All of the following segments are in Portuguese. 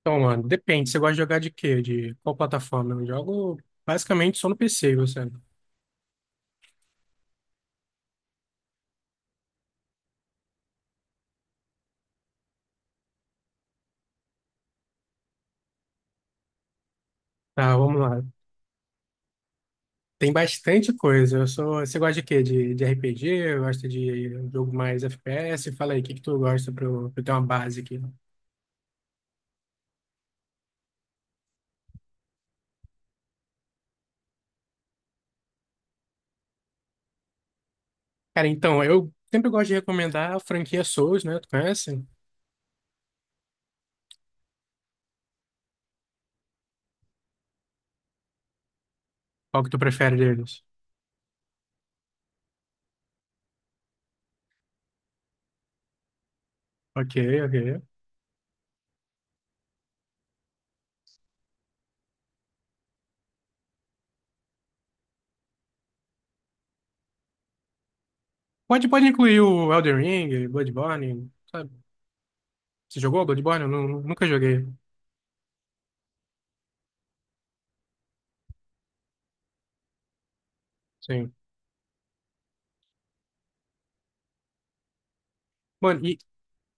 Então, mano, depende. Você gosta de jogar de quê? De qual plataforma? Eu jogo basicamente só no PC, você. Tá, vamos lá. Tem bastante coisa. Eu sou... Você gosta de quê? De RPG? Gosta de jogo mais FPS? Fala aí, o que que tu gosta pra eu ter uma base aqui? Cara, então, eu sempre gosto de recomendar a franquia Souls, né? Tu conhece? Qual que tu prefere deles? Ok, ok. Pode incluir o Elden Ring, Bloodborne, sabe? Você jogou Bloodborne? Eu nunca joguei. Sim. Mano, e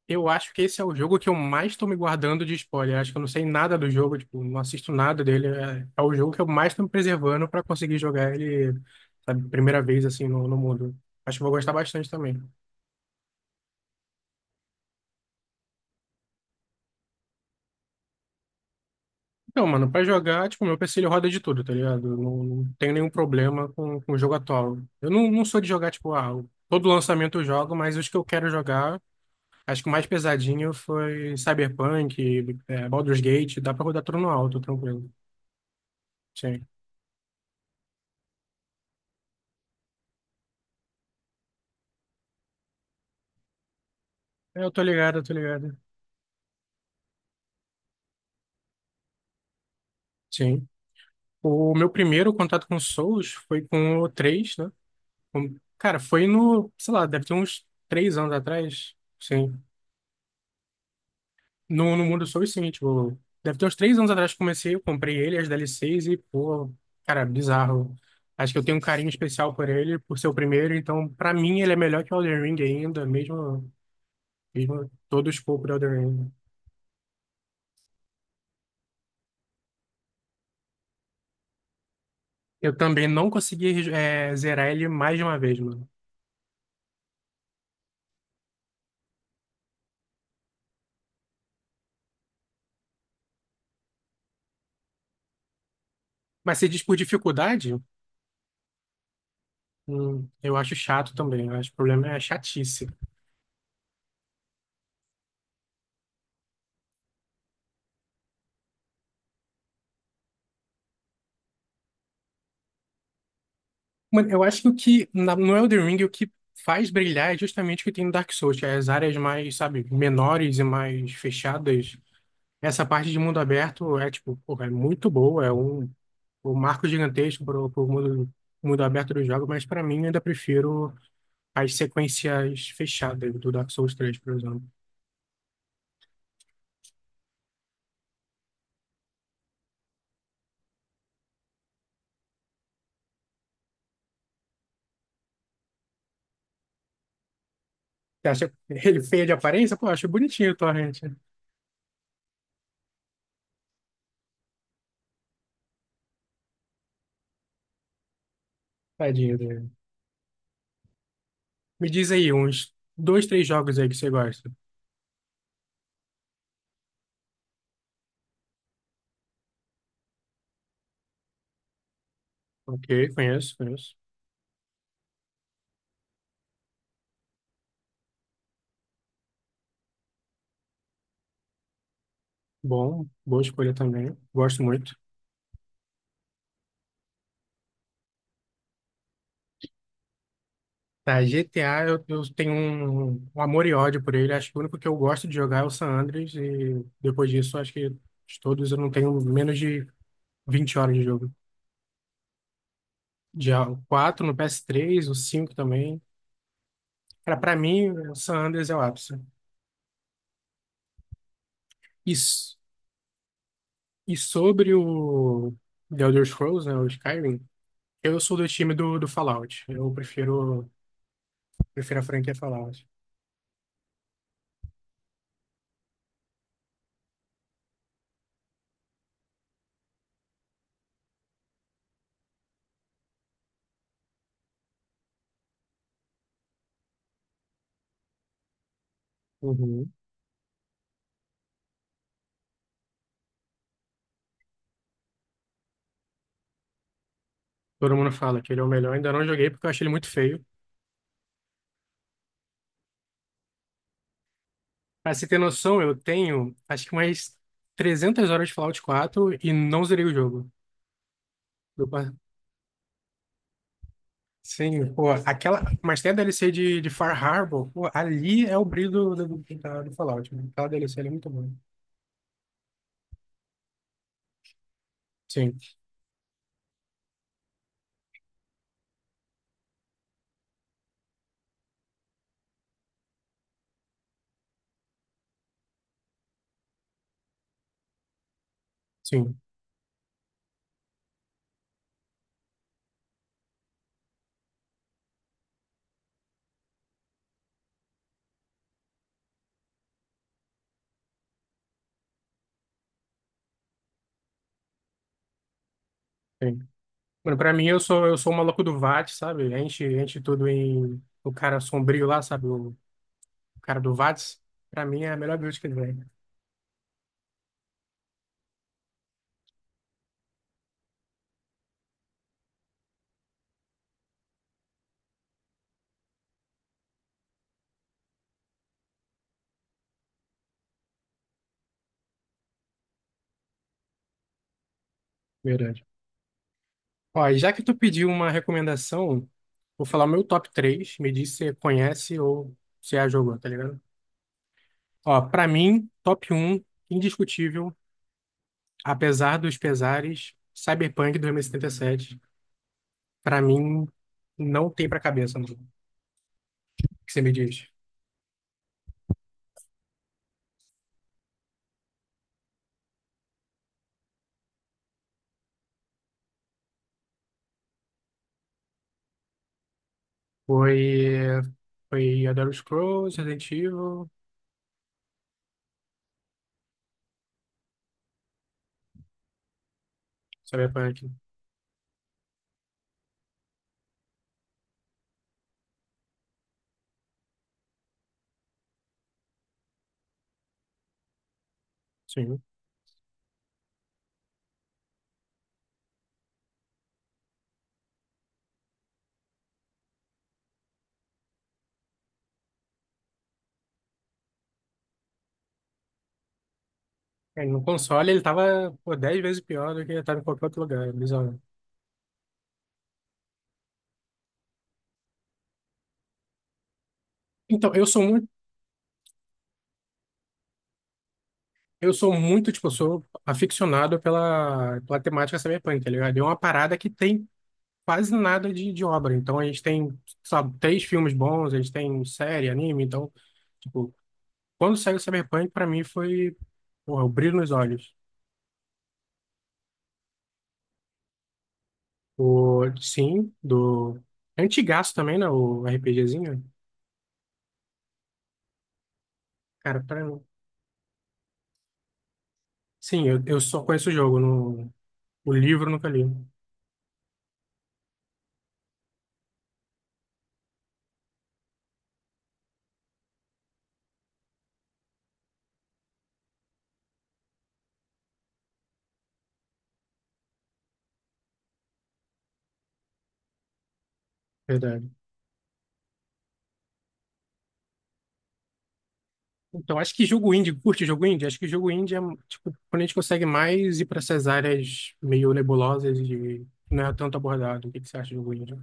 Eu acho que esse é o jogo que eu mais estou me guardando de spoiler. Acho que eu não sei nada do jogo, tipo, não assisto nada dele. É, é o jogo que eu mais estou me preservando para conseguir jogar ele, sabe, primeira vez assim no mundo. Acho que eu vou gostar bastante também. Então, mano, para jogar, tipo, meu PC ele roda de tudo, tá ligado? Eu não tenho nenhum problema com o jogo atual. Eu não sou de jogar, tipo, todo lançamento eu jogo, mas os que eu quero jogar, acho que o mais pesadinho foi Cyberpunk, Baldur's Gate, dá pra rodar tudo no alto, tranquilo. Sim. Eu tô ligado, eu tô ligado. Sim. O meu primeiro contato com Souls foi com o três, né? Cara, foi no, sei lá, deve ter uns 3 anos atrás. Sim. No mundo Souls, sim, tipo, deve ter uns 3 anos atrás que comecei, eu comprei ele, as DLCs e, pô, cara, bizarro. Acho que eu tenho um carinho especial por ele, por ser o primeiro, então, pra mim, ele é melhor que o Elden Ring ainda, mesmo todo o escopo do Elden Ring. Eu também não consegui, zerar ele mais de uma vez, mano. Mas se diz por dificuldade? Eu acho chato também. Eu acho que o problema é a chatice. Mano, eu acho que o que no Elden Ring o que faz brilhar é justamente o que tem no Dark Souls, que é as áreas mais, sabe, menores e mais fechadas. Essa parte de mundo aberto é tipo, porra, é muito boa, é um marco gigantesco para o mundo aberto do jogo, mas para mim eu ainda prefiro as sequências fechadas do Dark Souls 3, por exemplo. Você acha ele feio de aparência? Pô, eu acho bonitinho o Torrent. Tadinho dele. Me diz aí, uns dois, três jogos aí que você gosta. Ok, conheço, conheço. Bom, boa escolha também. Gosto muito. Tá, GTA, eu tenho um amor e ódio por ele. Acho que o único que eu gosto de jogar é o San Andreas. E depois disso, acho que de todos eu não tenho menos de 20 horas de jogo. Já o 4 no PS3, o 5 também. Cara, pra mim, o San Andreas é o ápice. Isso. E sobre o The Elder Scrolls, né, o Skyrim, eu sou do time do Fallout. Eu prefiro. Prefiro a franquia Fallout. Uhum. Todo mundo fala que ele é o melhor. Ainda não joguei porque eu achei ele muito feio. Pra você ter noção, eu tenho acho que umas 300 horas de Fallout 4 e não zerei o jogo. Eu pa- Sim, pô, aquela. Mas tem a DLC de Far Harbor, pô, ali é o brilho do Fallout, né? Aquela DLC ali é muito boa. Sim, sim, sim. Mano, pra mim, eu sou o maluco do VATS, sabe? Enche, enche tudo em. O cara sombrio lá, sabe? O cara do VATS. Pra mim é a melhor build que ele vem. Verdade. Ó, e já que tu pediu uma recomendação, vou falar o meu top três. Me diz se você conhece ou se já jogou, tá ligado? Ó, pra mim, top um indiscutível, apesar dos pesares, Cyberpunk dois mil e setenta e sete pra mim, não tem pra cabeça, mano. O que você me diz? Foi, foi Elder Scrolls, Resident Evil, Cyberpunk, sim. É, no console ele tava, pô, 10 vezes pior do que ele tava em qualquer outro lugar, é bizarro. Então, eu sou muito Eu sou muito, tipo, eu sou aficionado pela temática cyberpunk, tá ligado? E é uma parada que tem quase nada de obra. Então a gente tem, sabe, três filmes bons, a gente tem série, anime. Então, tipo, quando saiu o cyberpunk, pra mim foi, porra, o brilho nos olhos. O, sim, do antigaço também, né? O RPGzinho. Cara, pra mim. Sim, eu só conheço o jogo, o livro eu nunca li. Verdade. Então, acho que jogo indie, curte jogo indie? Acho que jogo indie é, tipo, quando a gente consegue mais ir para essas áreas meio nebulosas e não é tanto abordado. O que que você acha de jogo indie?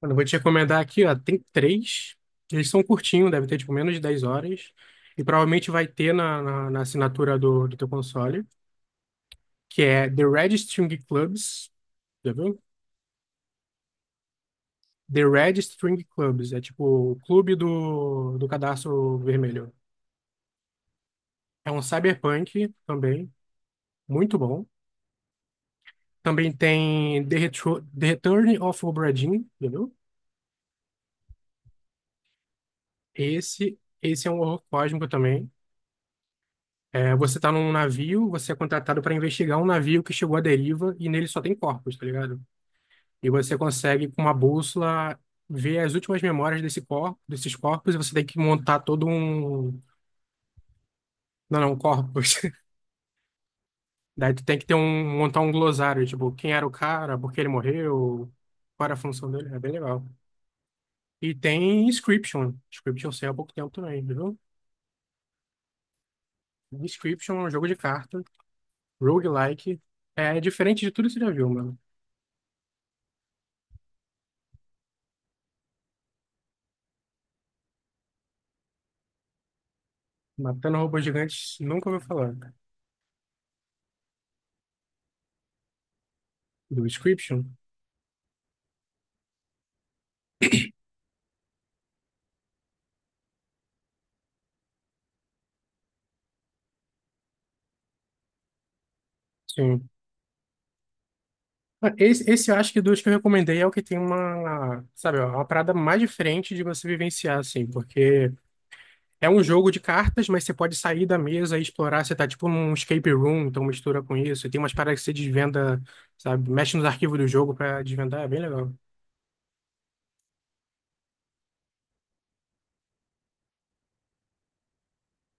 Mano, eu vou te recomendar aqui, ó, tem três. Eles são curtinhos, deve ter, tipo, menos de 10 horas. E provavelmente vai ter na assinatura do teu console, que é The Red String Clubs, já viu? The Red String Clubs, é tipo o clube do cadastro vermelho. É um cyberpunk também, muito bom. Também tem The Return of Obra Dinn, entendeu? Esse é um horror cósmico também. É, você tá num navio, você é contratado para investigar um navio que chegou à deriva e nele só tem corpos, tá ligado? E você consegue, com uma bússola, ver as últimas memórias desse corpo, desses corpos e você tem que montar todo um... Não, não, corpos. Daí tu tem que montar um glossário, tipo, quem era o cara, por que ele morreu, qual era a função dele. É bem legal. E tem Inscription. Inscription saiu há pouco tempo também, viu? Description é um jogo de carta, roguelike. É diferente de tudo que você já viu, mano. Matando robôs gigantes, nunca ouviu falar. Do Description. Sim. Ah, esse eu acho que dos que eu recomendei é o que tem uma, sabe, ó, uma parada mais diferente de você vivenciar, assim, porque é um jogo de cartas, mas você pode sair da mesa e explorar. Você tá tipo num escape room, então mistura com isso. E tem umas paradas que você desvenda, sabe, mexe nos arquivos do jogo pra desvendar. É bem legal.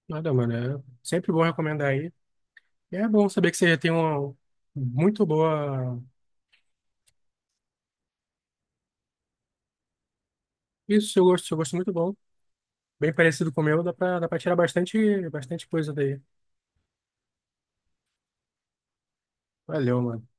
Nada, mano. É sempre bom recomendar. É bom saber que você tem uma muito boa. Isso, seu gosto é muito bom. Bem parecido com o meu, dá pra tirar bastante, bastante coisa daí. Valeu, mano.